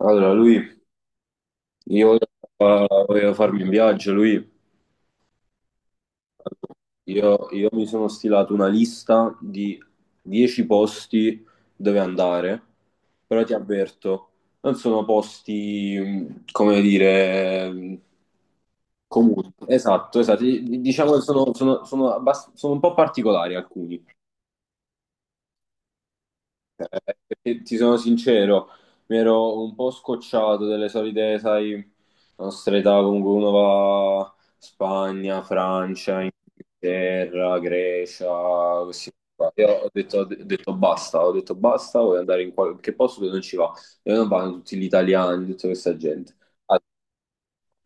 Allora, io volevo farmi un viaggio. Io mi sono stilato una lista di 10 posti dove andare, però ti avverto, non sono posti, come dire, comuni. Esatto, esatto, diciamo che sono, sono sono un po' particolari alcuni. Eh, ti sono sincero, mi ero un po' scocciato delle solite, sai, la nostra età, comunque uno va Spagna, Francia, Inghilterra, Grecia, così. Qua. Io ho detto basta, voglio andare in qualche posto dove non ci va. E non vanno tutti gli italiani, tutta questa gente. All-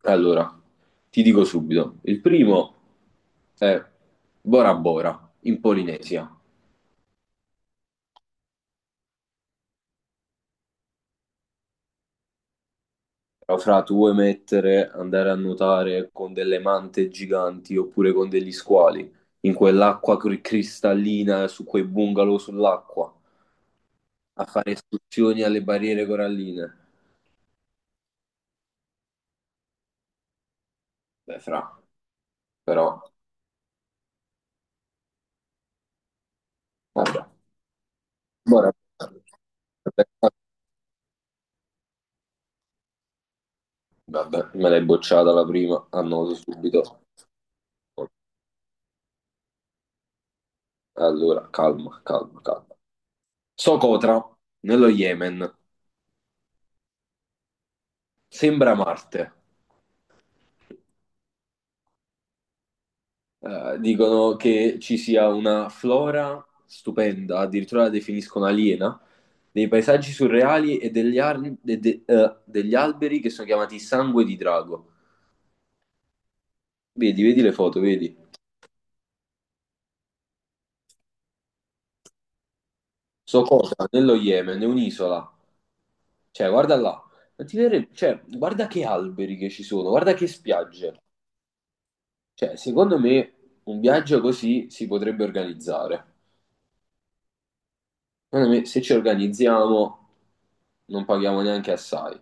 Allora, ti dico subito, il primo è Bora Bora, in Polinesia. Però fra tu vuoi mettere, andare a nuotare con delle mante giganti oppure con degli squali, in quell'acqua cristallina, su quei bungalow sull'acqua, a fare escursioni alle barriere coralline. Beh, fra, però, vabbè. Ora- Vabbè, me l'hai bocciata la prima, annoto subito. Allora, calma, calma, calma. Socotra, nello Yemen, sembra Marte. Dicono che ci sia una flora stupenda, addirittura la definiscono aliena, dei paesaggi surreali e degli, ar- de- de- degli alberi che sono chiamati sangue di drago. Vedi, vedi le foto, vedi. So cosa, nello Yemen, è un'isola. Cioè, guarda là. Cioè, guarda che alberi che ci sono, guarda che spiagge. Cioè, secondo me un viaggio così si potrebbe organizzare. Secondo me, se ci organizziamo, non paghiamo neanche assai.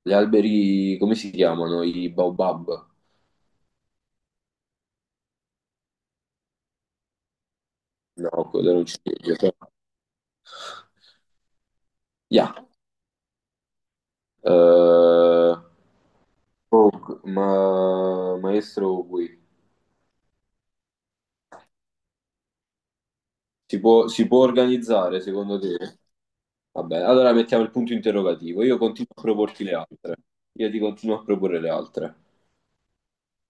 Gli alberi, come si chiamano? I baobab? No, quello era un ciliegio. Ya. Eh, oh, ma, maestro qui, si può organizzare secondo te? Vabbè, allora mettiamo il punto interrogativo. Io continuo a proporti le altre. Io ti continuo a proporre le altre.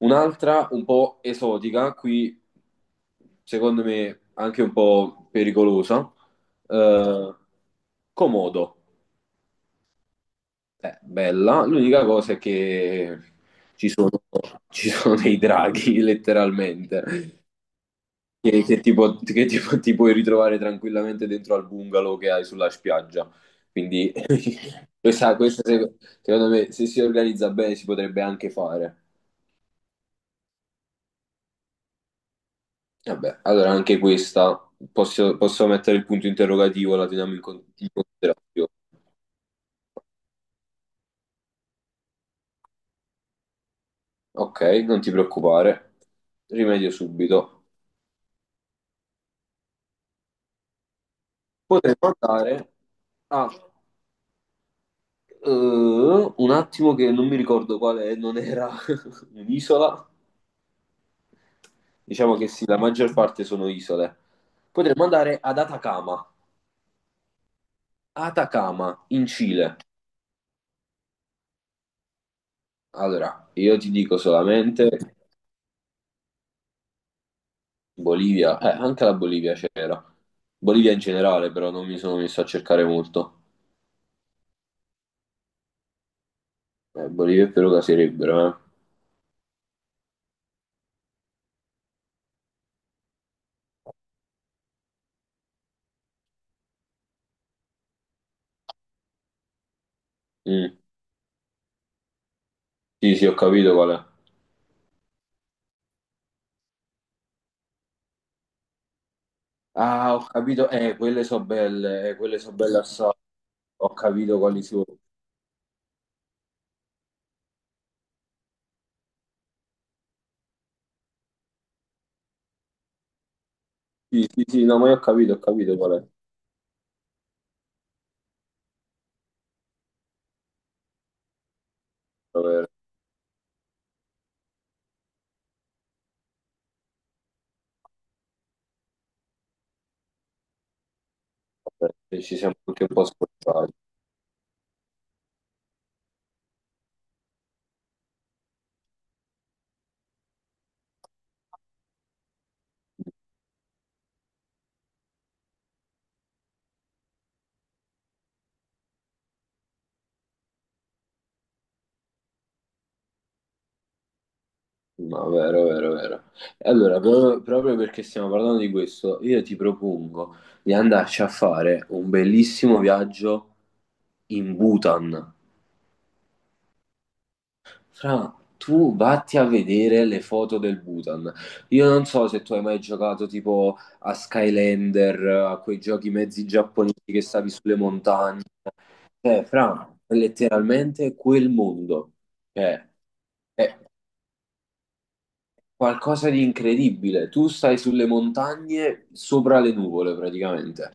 Un'altra un po' esotica, qui secondo me anche un po' pericolosa. Eh, Comodo. Bella, l'unica cosa è che ci sono, ci sono dei draghi, letteralmente, che tipo ti puoi ritrovare tranquillamente dentro al bungalow che hai sulla spiaggia. Quindi questa secondo me, se si organizza bene, si potrebbe anche fare. Vabbè, allora anche questa posso mettere il punto interrogativo, la teniamo in considerazione. Ok, non ti preoccupare, rimedio subito. Potremmo andare a un attimo che non mi ricordo quale non era un'isola. Diciamo che sì, la maggior parte sono isole. Potremmo andare ad Atacama, Atacama in Cile. Allora, io ti dico solamente Bolivia, anche la Bolivia c'era. Bolivia in generale, però non mi sono messo a cercare molto. Bolivia e Perù caserebbero, eh. Mm. Sì, sì, ho capito qual è. Ah, ho capito, quelle so belle assai. Ho capito quali sono. Sì, sì, sì, no, ma io ho capito qual è. Vero, vero. E ci siamo anche un po' scordati. No, vero, vero, vero. E allora, proprio perché stiamo parlando di questo, io ti propongo di andarci a fare un bellissimo viaggio in Bhutan. Fra, tu vatti a vedere le foto del Bhutan. Io non so se tu hai mai giocato tipo a Skylander, a quei giochi mezzi giapponesi che stavi sulle montagne. Fra, è letteralmente quel mondo, cioè, è qualcosa di incredibile. Tu stai sulle montagne sopra le nuvole praticamente.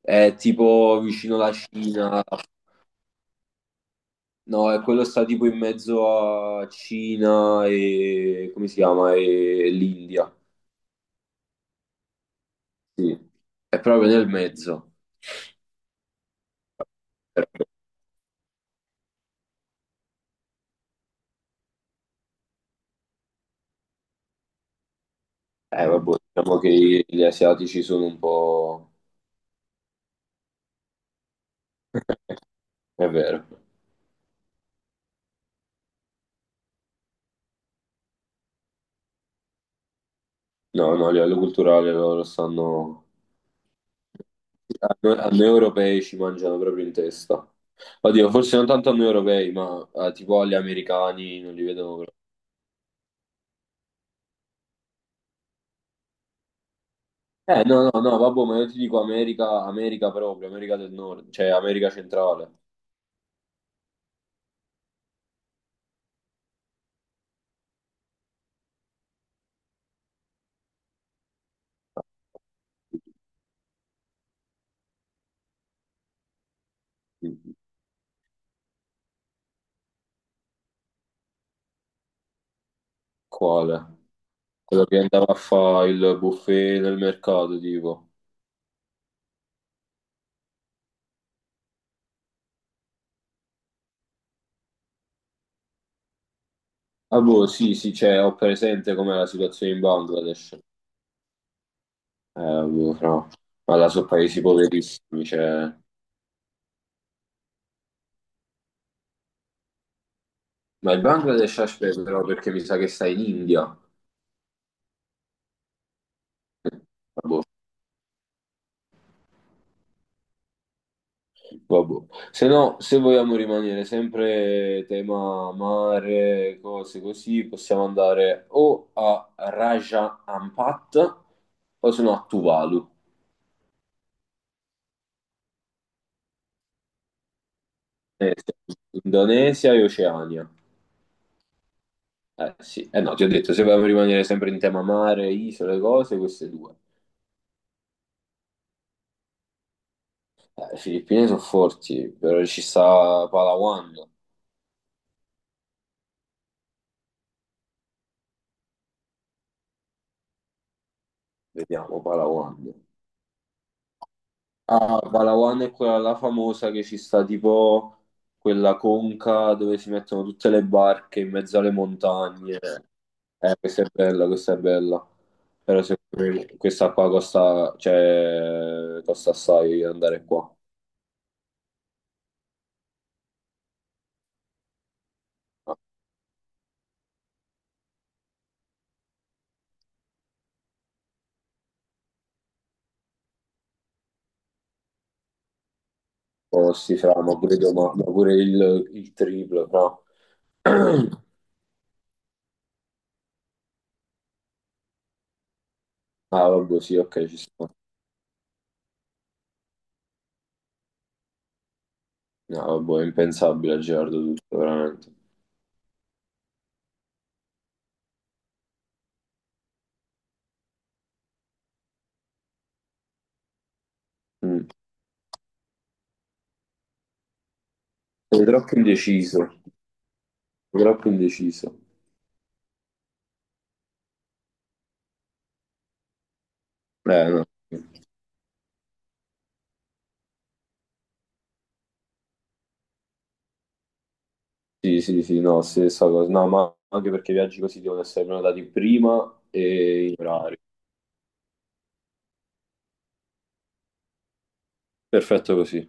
È tipo vicino alla Cina, no, è quello sta tipo in mezzo a Cina e come si chiama? E l'India, sì. È proprio nel mezzo. Vabbè, diciamo che gli asiatici sono un po'... È vero. No, no, a livello culturale loro stanno... A noi europei ci mangiano proprio in testa. Oddio, forse non tanto a noi europei, ma tipo agli americani non li vedono proprio. No, no, no, vabbè, ma io ti dico America, America proprio, America del Nord, cioè America centrale. Quale? Quello che andava a fare il buffet nel mercato, tipo. Ah, boh, sì, sì, cioè, ho presente com'è la situazione in Bangladesh. Boh, fra. Ma là sono paesi poverissimi, cioè... Ma il Bangladesh aspetta però perché mi sa che sta in India. Vabbè, vabbè. Se no, se vogliamo rimanere sempre tema mare, cose così, possiamo andare o a Raja Ampat o se no a Tuvalu. Sì. Indonesia e Oceania. Eh sì, eh no, ti ho detto, se vogliamo rimanere sempre in tema mare, isole, cose, queste due. Le Filippine sono forti, però ci sta Palawan. Vediamo Palawan. Ah, Palawan è quella là famosa che ci sta tipo quella conca dove si mettono tutte le barche in mezzo alle montagne. Questa è bella, questa è bella. Però secondo me questa qua costa, cioè, costa assai andare qua. Oh, sì, fra, ma pure, ma pure il triplo, no? Ah, vabbè, sì, ok, ci sta. No, vabbè, è impensabile a Gerardo tutto, veramente. Mm. Sei troppo indeciso, sei troppo indeciso. Eh, no. Sì, sì, sì, no, stessa cosa. No, ma anche perché i viaggi così devono essere prenotati prima e in orario. Perfetto così.